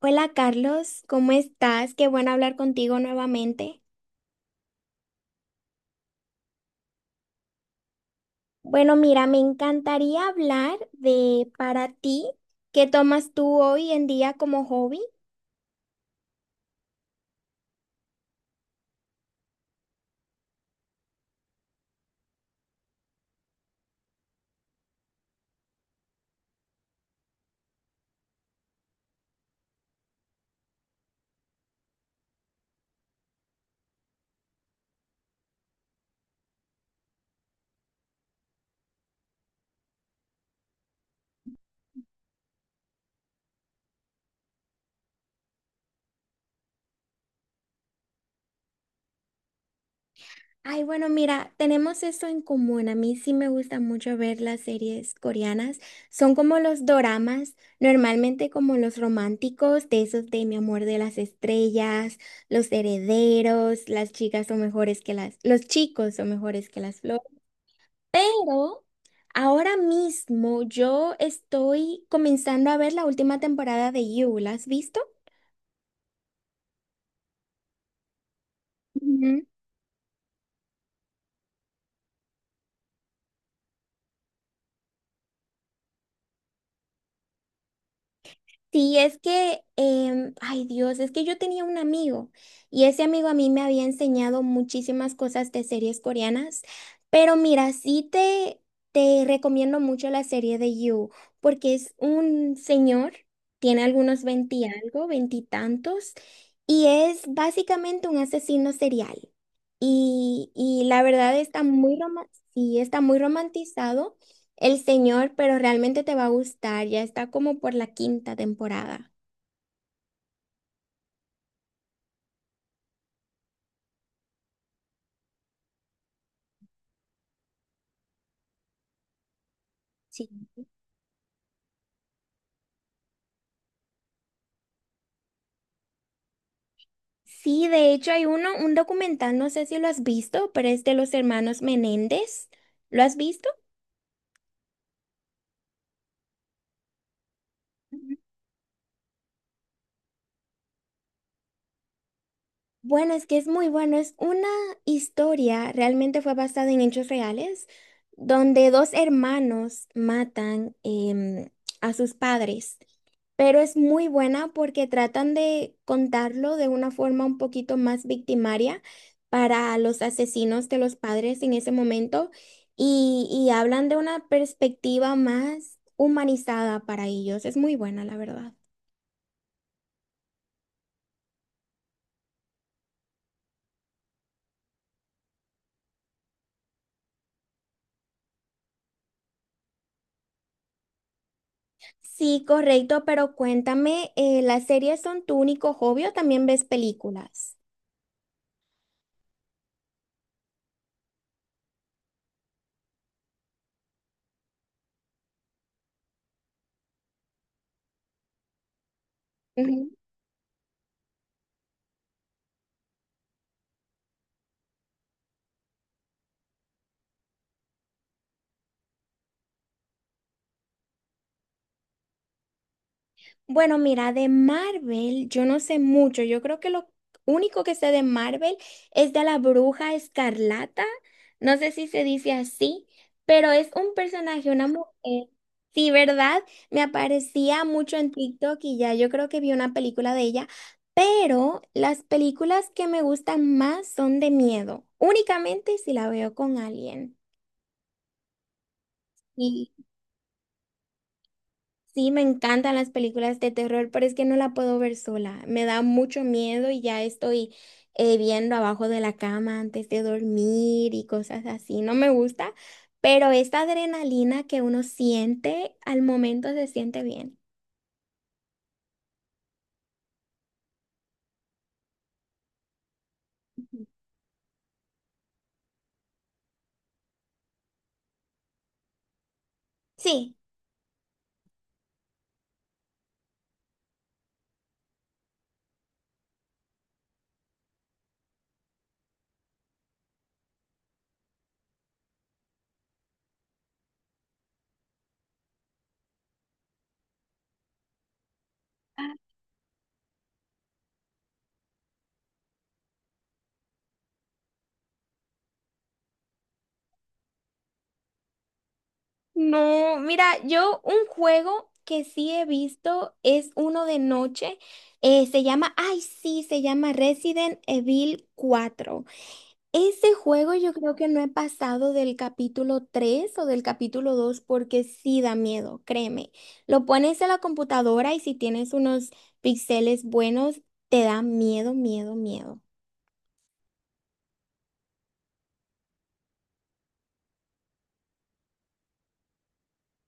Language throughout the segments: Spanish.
Hola Carlos, ¿cómo estás? Qué bueno hablar contigo nuevamente. Bueno, mira, me encantaría hablar de para ti, ¿qué tomas tú hoy en día como hobby? Ay, bueno, mira, tenemos eso en común. A mí sí me gusta mucho ver las series coreanas. Son como los doramas, normalmente como los románticos, de esos de Mi amor de las estrellas, Los herederos, las chicas son mejores que las, los chicos son mejores que las flores. Pero ahora mismo yo estoy comenzando a ver la última temporada de You. ¿La has visto? Ujú. Sí, es que, ay Dios, es que yo tenía un amigo y ese amigo a mí me había enseñado muchísimas cosas de series coreanas, pero mira, te recomiendo mucho la serie de You, porque es un señor, tiene algunos veinti algo, veintitantos, y es básicamente un asesino serial. Y la verdad está muy, sí, está muy romantizado. El Señor, pero realmente te va a gustar, ya está como por la quinta temporada. Sí. Sí, de hecho hay uno, un documental, no sé si lo has visto, pero es de los hermanos Menéndez. ¿Lo has visto? Bueno, es que es muy bueno. Es una historia, realmente fue basada en hechos reales, donde dos hermanos matan em, a sus padres. Pero es muy buena porque tratan de contarlo de una forma un poquito más victimaria para los asesinos de los padres en ese momento y hablan de una perspectiva más humanizada para ellos. Es muy buena, la verdad. Sí, correcto, pero cuéntame, ¿las series son tu único hobby o también ves películas? Ujú. Bueno, mira, de Marvel yo no sé mucho. Yo creo que lo único que sé de Marvel es de la Bruja Escarlata. No sé si se dice así, pero es un personaje, una mujer. Sí, ¿verdad? Me aparecía mucho en TikTok y ya yo creo que vi una película de ella, pero las películas que me gustan más son de miedo, únicamente si la veo con alguien. Sí, me encantan las películas de terror, pero es que no la puedo ver sola. Me da mucho miedo y ya estoy viendo abajo de la cama antes de dormir y cosas así. No me gusta, pero esta adrenalina que uno siente al momento se siente bien. Sí, no, mira, yo un juego que sí he visto es uno de noche, se llama, ay sí, se llama Resident Evil cuatro. Ese juego yo creo que no he pasado del capítulo 3 o del capítulo 2 porque sí da miedo, créeme. Lo pones en la computadora y si tienes unos píxeles buenos, te da miedo, miedo, miedo.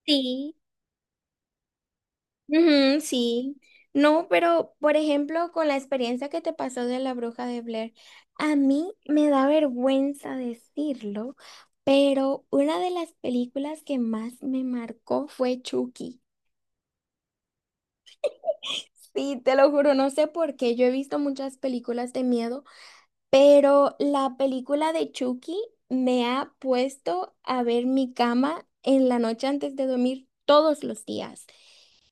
Sí. Ujú, sí. No, pero por ejemplo, con la experiencia que te pasó de la bruja de Blair, a mí me da vergüenza decirlo, pero una de las películas que más me marcó fue Chucky. Sí, te lo juro, no sé por qué. Yo he visto muchas películas de miedo, pero la película de Chucky me ha puesto a ver mi cama en la noche antes de dormir todos los días.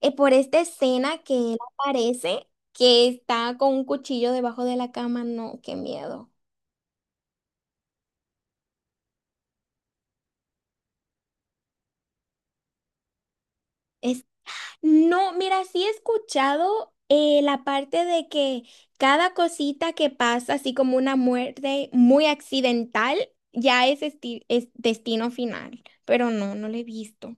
Por esta escena que él aparece, que está con un cuchillo debajo de la cama, no, qué miedo. Es No, mira, sí he escuchado la parte de que cada cosita que pasa, así como una muerte muy accidental, ya es, es destino final, pero no, no lo he visto.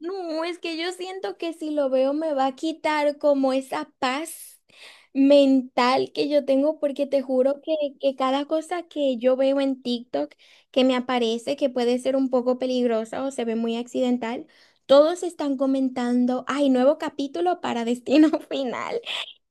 No, es que yo siento que si lo veo me va a quitar como esa paz mental que yo tengo, porque te juro que cada cosa que yo veo en TikTok que me aparece, que puede ser un poco peligrosa o se ve muy accidental, todos están comentando, ay, nuevo capítulo para Destino Final.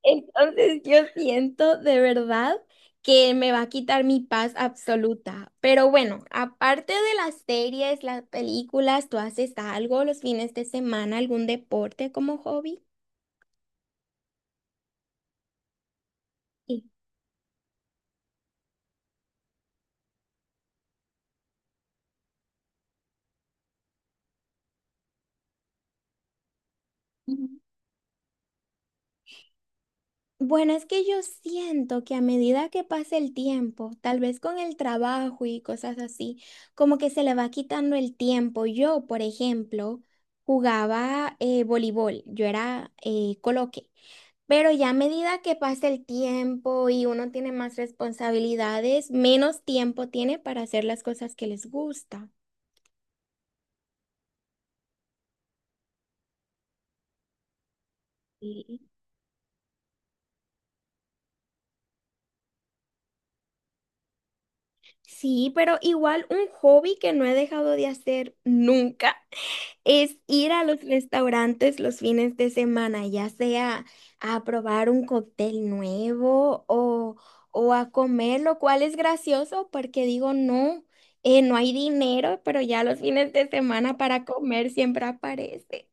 Entonces yo siento de verdad que me va a quitar mi paz absoluta. Pero bueno, aparte de las series, las películas, ¿tú haces algo los fines de semana, algún deporte como hobby? Sí. Ujú. Bueno, es que yo siento que a medida que pasa el tiempo, tal vez con el trabajo y cosas así, como que se le va quitando el tiempo. Yo, por ejemplo, jugaba voleibol, yo era coloque. Pero ya a medida que pasa el tiempo y uno tiene más responsabilidades, menos tiempo tiene para hacer las cosas que les gusta. Sí. Sí, pero igual un hobby que no he dejado de hacer nunca es ir a los restaurantes los fines de semana, ya sea a probar un cóctel nuevo o a comer, lo cual es gracioso porque digo, no, no hay dinero, pero ya los fines de semana para comer siempre aparece.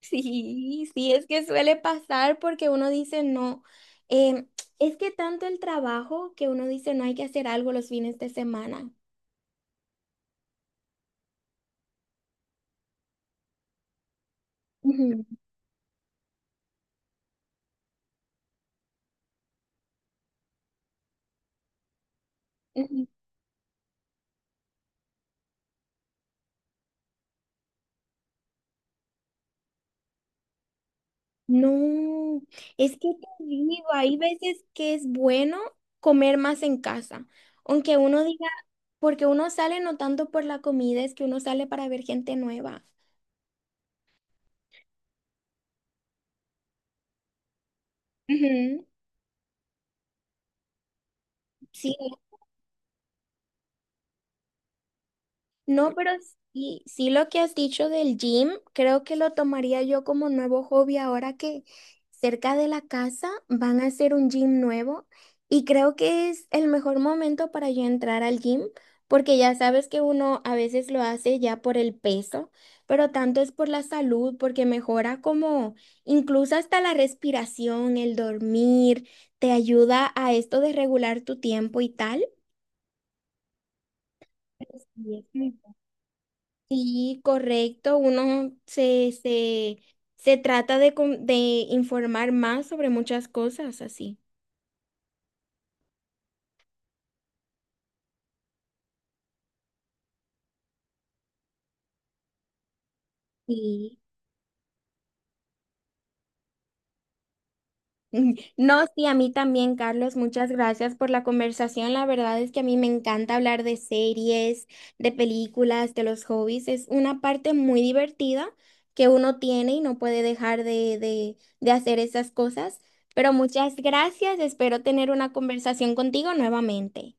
Sí, sí, es que suele pasar porque uno dice no. em, es que tanto el trabajo que uno dice no hay que hacer algo los fines de semana. Ujú, ujú. No, es que te digo, hay veces que es bueno comer más en casa, aunque uno diga, porque uno sale no tanto por la comida, es que uno sale para ver gente nueva. Ujú, sí. No, pero sí, sí lo que has dicho del gym, creo que lo tomaría yo como nuevo hobby ahora que cerca de la casa van a hacer un gym nuevo y creo que es el mejor momento para yo entrar al gym porque ya sabes que uno a veces lo hace ya por el peso, pero tanto es por la salud porque mejora como incluso hasta la respiración, el dormir, te ayuda a esto de regular tu tiempo y tal. Sí, es sí, correcto. Uno se trata de, de informar más sobre muchas cosas así. Sí. No, sí, a mí también, Carlos. Muchas gracias por la conversación. La verdad es que a mí me encanta hablar de series, de películas, de los hobbies. Es una parte muy divertida que uno tiene y no puede dejar de hacer esas cosas. Pero muchas gracias. Espero tener una conversación contigo nuevamente.